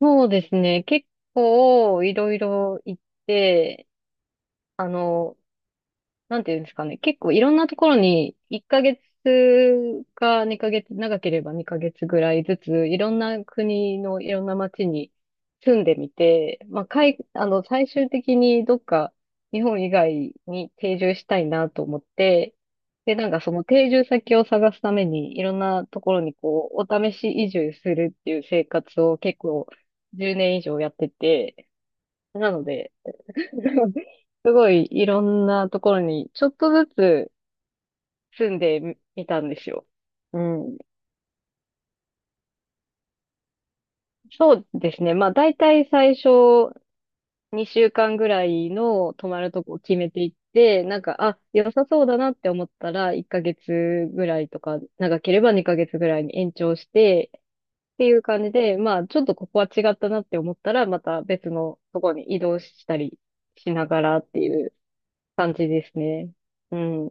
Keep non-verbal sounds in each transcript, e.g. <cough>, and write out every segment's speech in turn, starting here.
そうですね。結構いろいろ行って、あの、なんていうんですかね。結構いろんなところに1ヶ月か2ヶ月、長ければ2ヶ月ぐらいずつ、いろんな国のいろんな街に住んでみて、まあ、海あの、最終的にどっか日本以外に定住したいなと思って、で、なんかその定住先を探すためにいろんなところにこう、お試し移住するっていう生活を結構10年以上やってて、なので、すごいいろんなところにちょっとずつ住んでみたんですよ。うん。そうですね。まあ大体最初2週間ぐらいの泊まるとこを決めていって、なんか、あ、良さそうだなって思ったら1ヶ月ぐらいとか、長ければ2ヶ月ぐらいに延長してっていう感じで、まあちょっとここは違ったなって思ったらまた別のとこに移動したりしながらっていう感じですね。うん。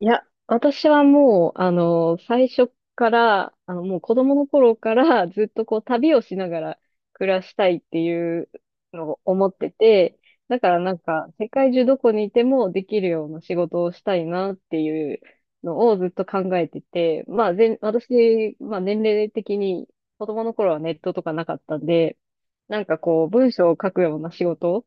いや、私はもう、最初から、もう子供の頃からずっとこう旅をしながら暮らしたいっていうのを思ってて、だからなんか世界中どこにいてもできるような仕事をしたいなっていうのをずっと考えてて、まあ、私、まあ年齢的に子供の頃はネットとかなかったんで、なんかこう文章を書くような仕事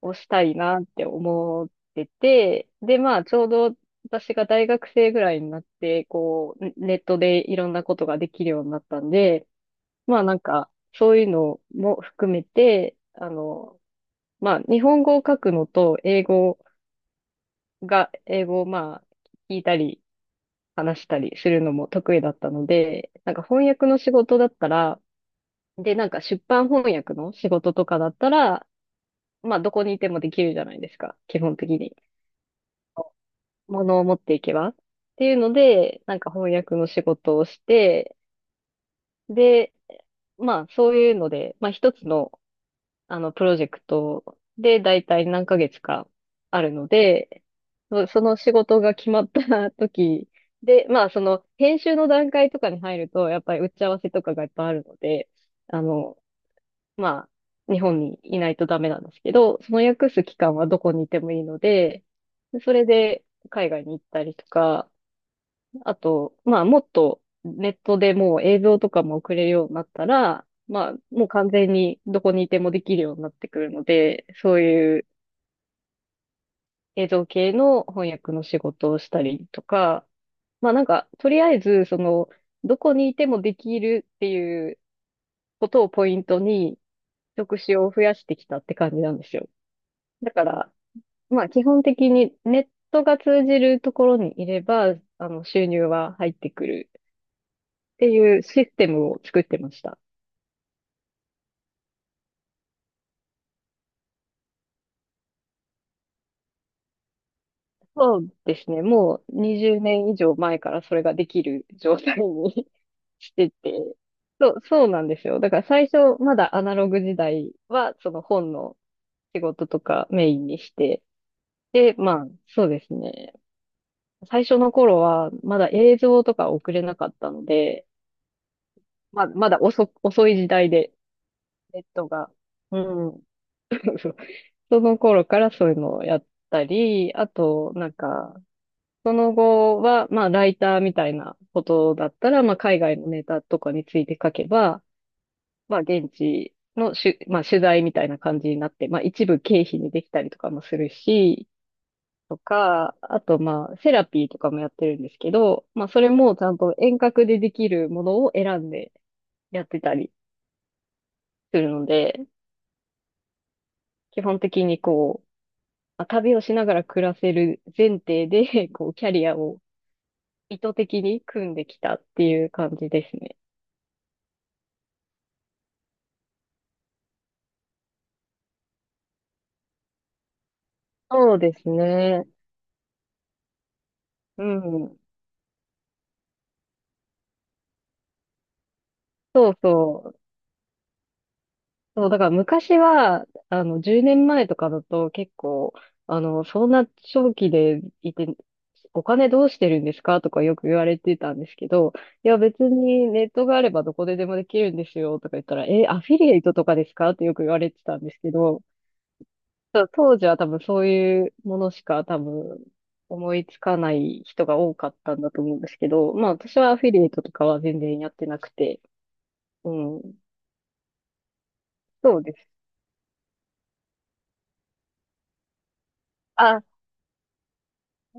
をしたいなって思ってて、で、まあ、ちょうど私が大学生ぐらいになって、こう、ネットでいろんなことができるようになったんで、まあ、なんか、そういうのも含めて、まあ、日本語を書くのと、英語をまあ、聞いたり、話したりするのも得意だったので、なんか翻訳の仕事だったら、で、なんか出版翻訳の仕事とかだったら、まあ、どこにいてもできるじゃないですか、基本的に。ものを持っていけばっていうので、なんか翻訳の仕事をして、で、まあそういうので、まあ一つのプロジェクトで大体何ヶ月かあるので、その仕事が決まった時で、まあその編集の段階とかに入ると、やっぱり打ち合わせとかがいっぱいあるので、あの、まあ日本にいないとダメなんですけど、その訳す期間はどこにいてもいいので、それで海外に行ったりとか、あと、まあ、もっとネットでもう映像とかも送れるようになったら、まあ、もう完全にどこにいてもできるようになってくるので、そういう映像系の翻訳の仕事をしたりとか、まあなんか、とりあえず、その、どこにいてもできるっていうことをポイントに、職種を増やしてきたって感じなんですよ。だから、まあ基本的にネットが通じるところにいれば、収入は入ってくるっていうシステムを作ってました。そうですね。もう20年以上前からそれができる状態に <laughs> してて。そう、そうなんですよ。だから最初、まだアナログ時代は、その本の仕事とかメインにして。で、まあ、そうですね。最初の頃は、まだ映像とか送れなかったので、まあ、まだ遅い時代で、ネットが。うん。<laughs> そその頃からそういうのをやったり、あと、なんか、その後は、まあ、ライターみたいなことだったら、まあ、海外のネタとかについて書けば、まあ、現地のまあ、取材みたいな感じになって、まあ、一部経費にできたりとかもするし、とか、あと、まあ、セラピーとかもやってるんですけど、まあ、それもちゃんと遠隔でできるものを選んでやってたりするので、基本的にこう、まあ旅をしながら暮らせる前提で、こう、キャリアを意図的に組んできたっていう感じですね。そうですね。うん。そうそう。そう、だから昔は、10年前とかだと結構、そんな長期でいて、お金どうしてるんですかとかよく言われてたんですけど、いや別にネットがあればどこででもできるんですよとか言ったら、え、アフィリエイトとかですかってよく言われてたんですけど、そう当時は多分そういうものしか多分思いつかない人が多かったんだと思うんですけど、まあ私はアフィリエイトとかは全然やってなくて、うん。そうです。あ、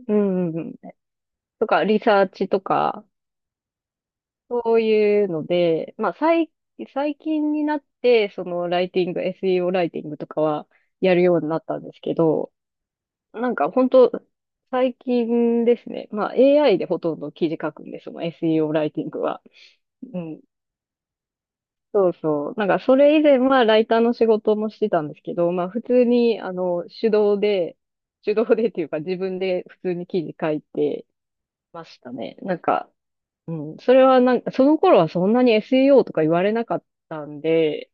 うんうんうん。とか、リサーチとか、そういうので、まあ、最近になって、その、ライティング、SEO ライティングとかは、やるようになったんですけど、なんか、本当最近ですね。まあ、AI でほとんど記事書くんです、その SEO ライティングは。うん。そうそう。なんか、それ以前はライターの仕事もしてたんですけど、まあ、普通に、手動で、手動でっていうか、自分で普通に記事書いて、ましたね。なんか、うん、それはなんか、その頃はそんなに SEO とか言われなかったんで、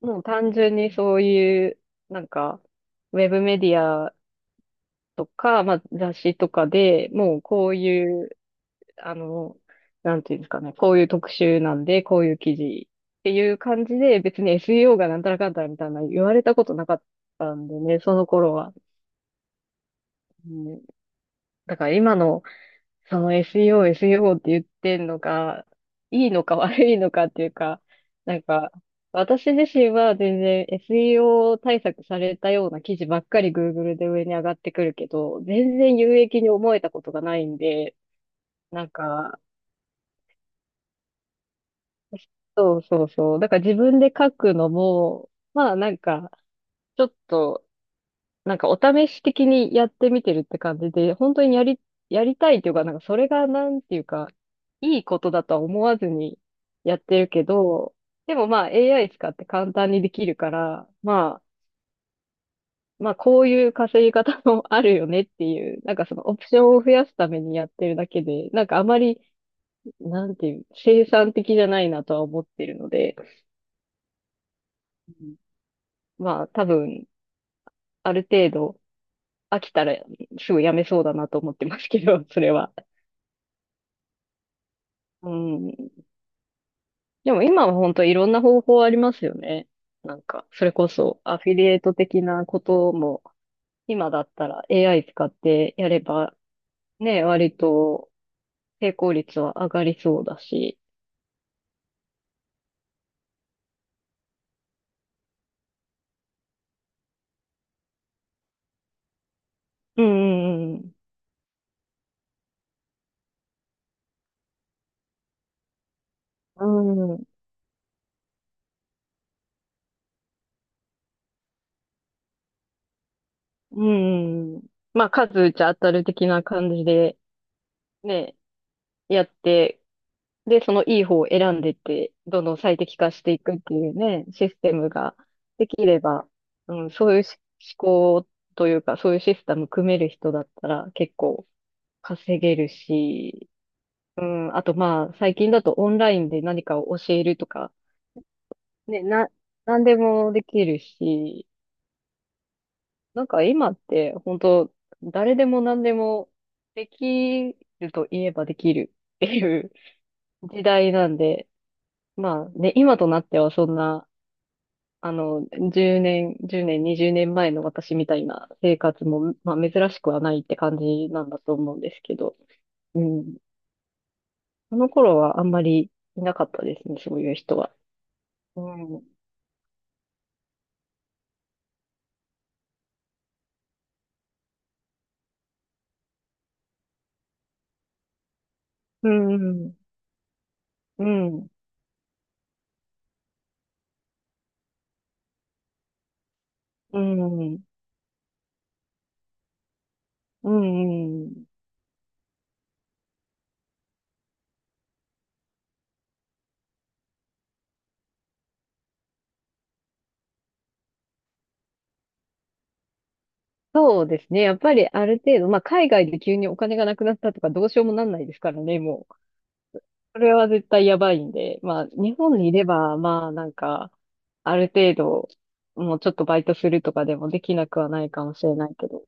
もう単純にそういう、なんか、ウェブメディアとか、まあ雑誌とかでもうこういう、あの、なんていうんですかね、こういう特集なんで、こういう記事っていう感じで、別に SEO がなんたらかんたらみたいな言われたことなかったんでね、その頃は。うん、だから今の、その SEO、SEO って言ってんのが、いいのか悪いのかっていうか、なんか、私自身は全然 SEO 対策されたような記事ばっかり Google で上に上がってくるけど、全然有益に思えたことがないんで、なんか、そうそうそう。だから自分で書くのも、まあなんか、ちょっとなんかお試し的にやってみてるって感じで、本当にやりたいというか、なんかそれがなんていうか、いいことだとは思わずにやってるけど、でもまあ AI 使って簡単にできるから、まあこういう稼ぎ方も <laughs> あるよねっていう、なんかそのオプションを増やすためにやってるだけで、なんかあまり、なんていう、生産的じゃないなとは思ってるので、うんまあ多分、ある程度飽きたらすぐやめそうだなと思ってますけど、それは。うん。でも今は本当いろんな方法ありますよね。なんか、それこそアフィリエイト的なことも、今だったら AI 使ってやれば、ね、割と成功率は上がりそうだし。うんうんうん。うんうんうん。まあ、数打ちゃ当たる的な感じで、ね、やってで、そのいい方を選んでって、どんどん最適化していくっていうね、システムができれば、うん、そういうし思考というか、そういうシステム組める人だったら結構稼げるし、うん、あとまあ、最近だとオンラインで何かを教えるとか、ね、何でもできるし、なんか今って本当誰でも何でもできると言えばできるっていう時代なんで、まあね、今となってはそんな、あの、10年、10年、20年前の私みたいな生活も、まあ、珍しくはないって感じなんだと思うんですけど、うん。その頃はあんまりいなかったですね、そういう人は。うん。うん。うん。うん。うん。そうですね。やっぱりある程度、まあ、海外で急にお金がなくなったとかどうしようもなんないですからね、もう。それは絶対やばいんで、まあ、日本にいれば、まあ、なんか、ある程度、もうちょっとバイトするとかでもできなくはないかもしれないけど、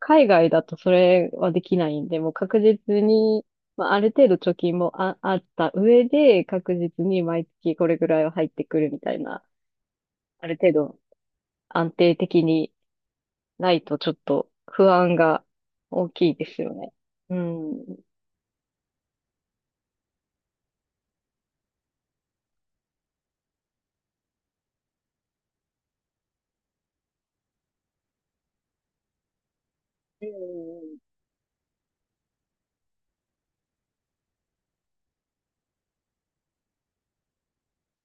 海外だとそれはできないんで、もう確実に、まあ、ある程度貯金もあった上で、確実に毎月これぐらいは入ってくるみたいな、ある程度安定的にないとちょっと不安が大きいですよね。うん。うん